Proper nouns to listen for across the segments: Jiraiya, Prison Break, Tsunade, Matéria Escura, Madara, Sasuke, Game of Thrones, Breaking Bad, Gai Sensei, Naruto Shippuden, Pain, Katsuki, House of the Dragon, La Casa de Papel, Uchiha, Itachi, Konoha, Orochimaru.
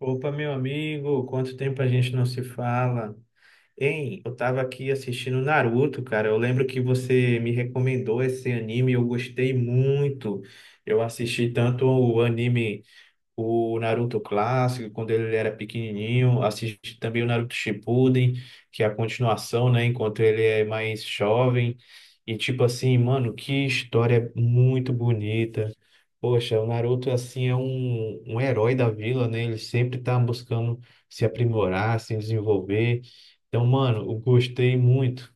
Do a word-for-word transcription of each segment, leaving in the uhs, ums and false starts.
Opa, meu amigo, quanto tempo a gente não se fala? Hein, eu tava aqui assistindo Naruto, cara. Eu lembro que você me recomendou esse anime, eu gostei muito. Eu assisti tanto o anime o Naruto clássico, quando ele era pequenininho, assisti também o Naruto Shippuden, que é a continuação, né, enquanto ele é mais jovem. E tipo assim, mano, que história muito bonita. Poxa, o Naruto assim é um, um herói da vila, né? Ele sempre tá buscando se aprimorar, se desenvolver. Então, mano, eu gostei muito.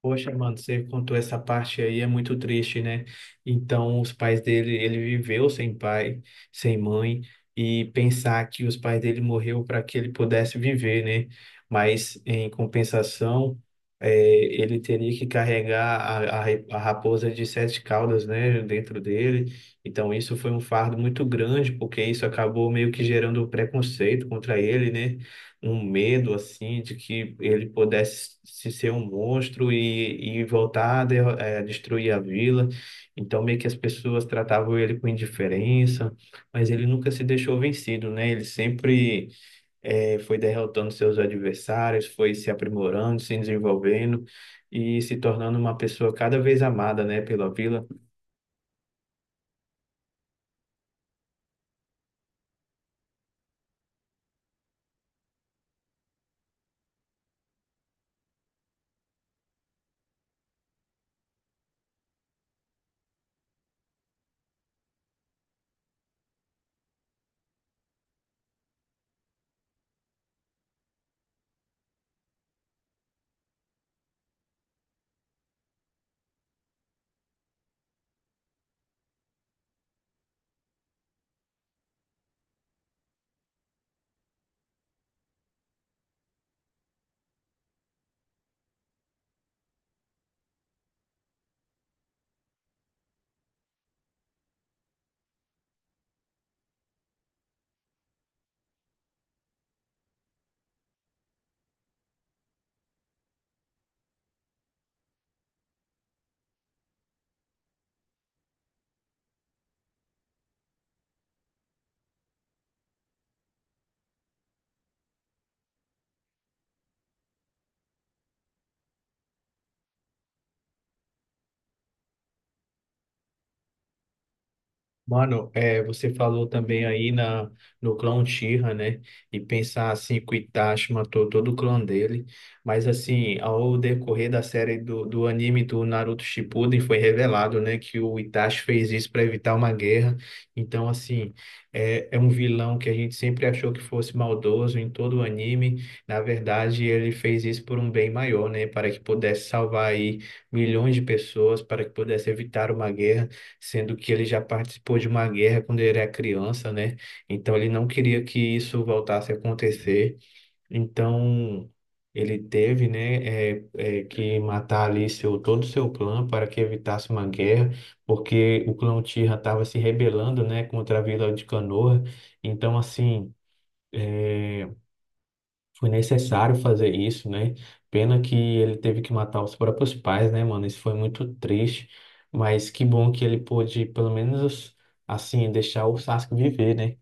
Poxa, mano, você contou essa parte aí, é muito triste, né? Então, os pais dele, ele viveu sem pai, sem mãe, e pensar que os pais dele morreu para que ele pudesse viver, né? Mas, em compensação, eh, ele teria que carregar a, a, re- a raposa de sete caudas, né, dentro dele. Então, isso foi um fardo muito grande, porque isso acabou meio que gerando preconceito contra ele, né? Um medo assim de que ele pudesse se ser um monstro e, e voltar a de- eh, destruir a vila. Então meio que as pessoas tratavam ele com indiferença, mas ele nunca se deixou vencido, né? Ele sempre eh, foi derrotando seus adversários, foi se aprimorando, se desenvolvendo e se tornando uma pessoa cada vez amada, né, pela vila. Mano, é, você falou também aí na, no clã Uchiha, né? E pensar assim que o Itachi matou todo o clã dele. Mas assim, ao decorrer da série do, do anime do Naruto Shippuden, foi revelado, né? Que o Itachi fez isso para evitar uma guerra. Então, assim, é, é um vilão que a gente sempre achou que fosse maldoso em todo o anime. Na verdade, ele fez isso por um bem maior, né? Para que pudesse salvar aí milhões de pessoas, para que pudesse evitar uma guerra, sendo que ele já participou de uma guerra quando ele era criança, né? Então ele não queria que isso voltasse a acontecer. Então ele teve, né, é, é, que matar ali seu, todo o seu clã para que evitasse uma guerra, porque o clã Uchiha estava se rebelando, né, contra a Vila de Konoha. Então assim foi necessário fazer isso, né? Pena que ele teve que matar os próprios pais, né, mano? Isso foi muito triste. Mas que bom que ele pôde, pelo menos, assim, deixar o Sasuke viver, né?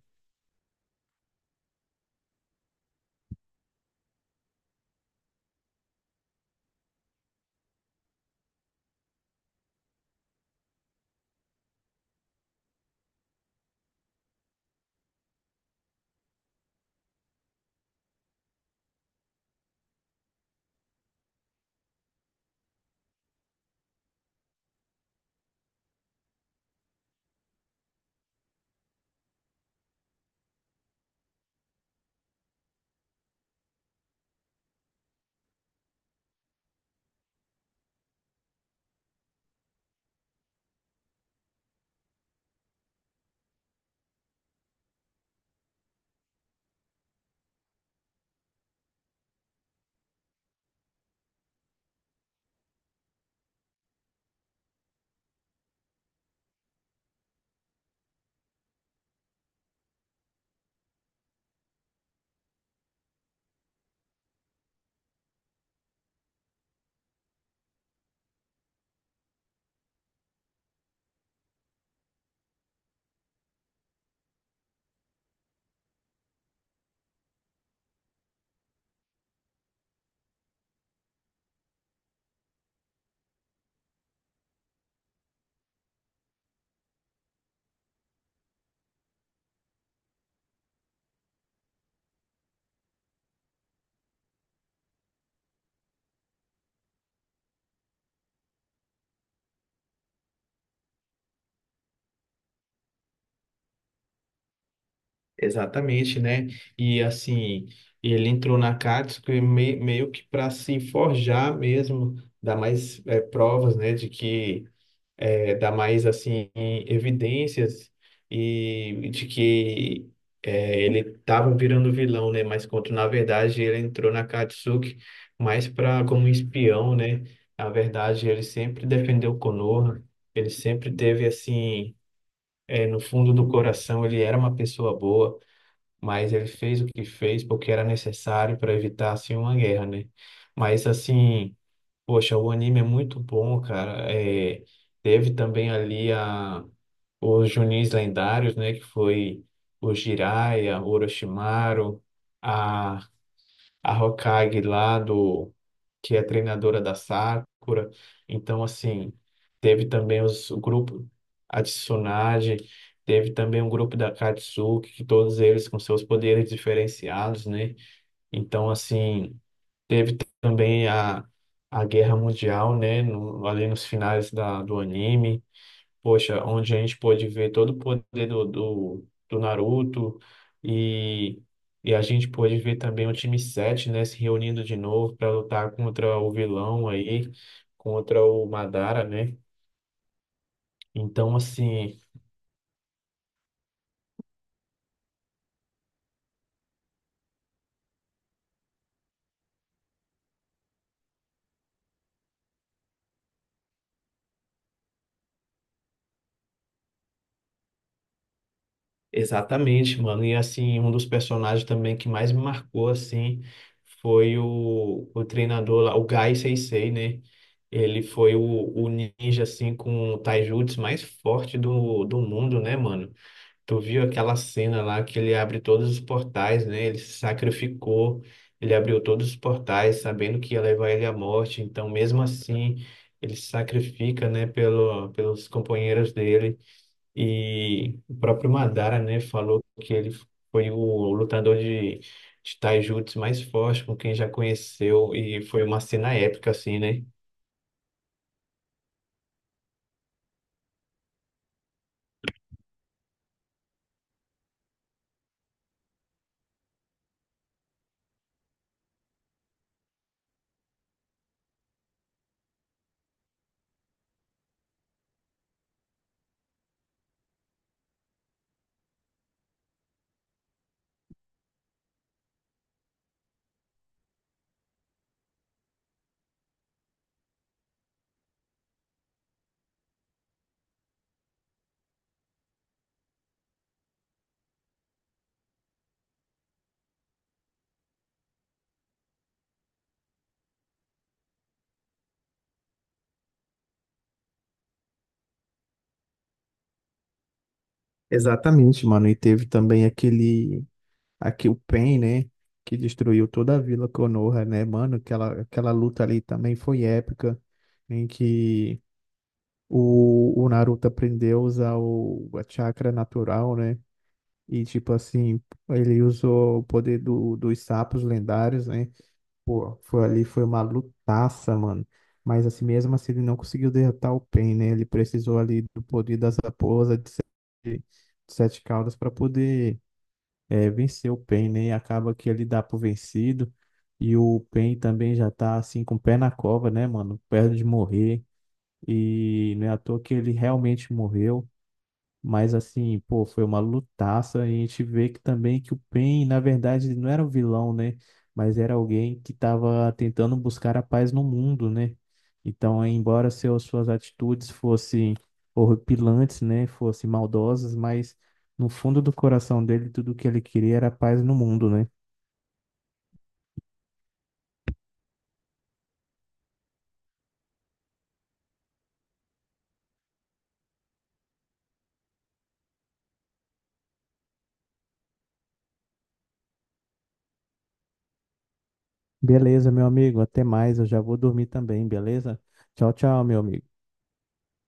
Exatamente, né? E assim, ele entrou na Katsuki me- meio que para se forjar mesmo, dar mais eh, provas, né, de que é, dar mais assim evidências e de que é, ele estava virando vilão, né? Mas quando na verdade ele entrou na Katsuki mais para como espião, né? Na verdade ele sempre defendeu Konoha, ele sempre teve assim é, no fundo do coração ele era uma pessoa boa, mas ele fez o que fez porque era necessário para evitar assim uma guerra, né? Mas assim, poxa, o anime é muito bom, cara. É, teve também ali a, os Junins lendários, né? Que foi o Jiraiya, o Orochimaru, a, a Hokage lá do, que é treinadora da Sakura. Então, assim, teve também os, o grupo, a Tsunade, teve também um grupo da Katsuki, que todos eles com seus poderes diferenciados, né? Então, assim. Teve também a, a Guerra Mundial, né? No- ali nos finais da, do anime. Poxa, onde a gente pôde ver todo o poder do, do, do Naruto e, e a gente pôde ver também o time sete, né? Se reunindo de novo para lutar contra o vilão aí, contra o Madara, né? Então, assim. Exatamente, mano. E assim, um dos personagens também que mais me marcou assim foi o, o treinador lá, o Gai Sensei, né? Ele foi o, o ninja assim com o taijutsu mais forte do, do mundo, né, mano? Tu viu aquela cena lá que ele abre todos os portais, né? Ele se sacrificou, ele abriu todos os portais, sabendo que ia levar ele à morte. Então, mesmo assim, ele se sacrifica, né, pelo, pelos companheiros dele. E o próprio Madara, né, falou que ele foi o lutador de, de taijutsu mais forte com quem já conheceu, e foi uma cena épica, assim, né? Exatamente, mano. E teve também aquele, aqui o Pain, né? Que destruiu toda a Vila Konoha, né, mano? Aquela, aquela luta ali também foi épica, em que o, o Naruto aprendeu a usar o, a chakra natural, né? E tipo assim, ele usou o poder do, dos sapos lendários, né? Pô, foi ali, foi uma lutaça, mano. Mas assim, mesmo assim ele não conseguiu derrotar o Pain, né? Ele precisou ali do poder das raposas de sete, de sete caudas para poder eh, vencer o Pain, né? E acaba que ele dá pro vencido. E o Pain também já tá assim com o pé na cova, né, mano? Perto de morrer. E não é à toa que ele realmente morreu. Mas assim, pô, foi uma lutaça, e a gente vê que também que o Pain, na verdade, ele não era o vilão, né? Mas era alguém que estava tentando buscar a paz no mundo, né? Então, embora seus, suas atitudes fossem horripilantes, né? Fossem maldosas, mas no fundo do coração dele, tudo que ele queria era paz no mundo, né? Beleza, meu amigo, até mais. Eu já vou dormir também, beleza? Tchau, tchau, meu amigo.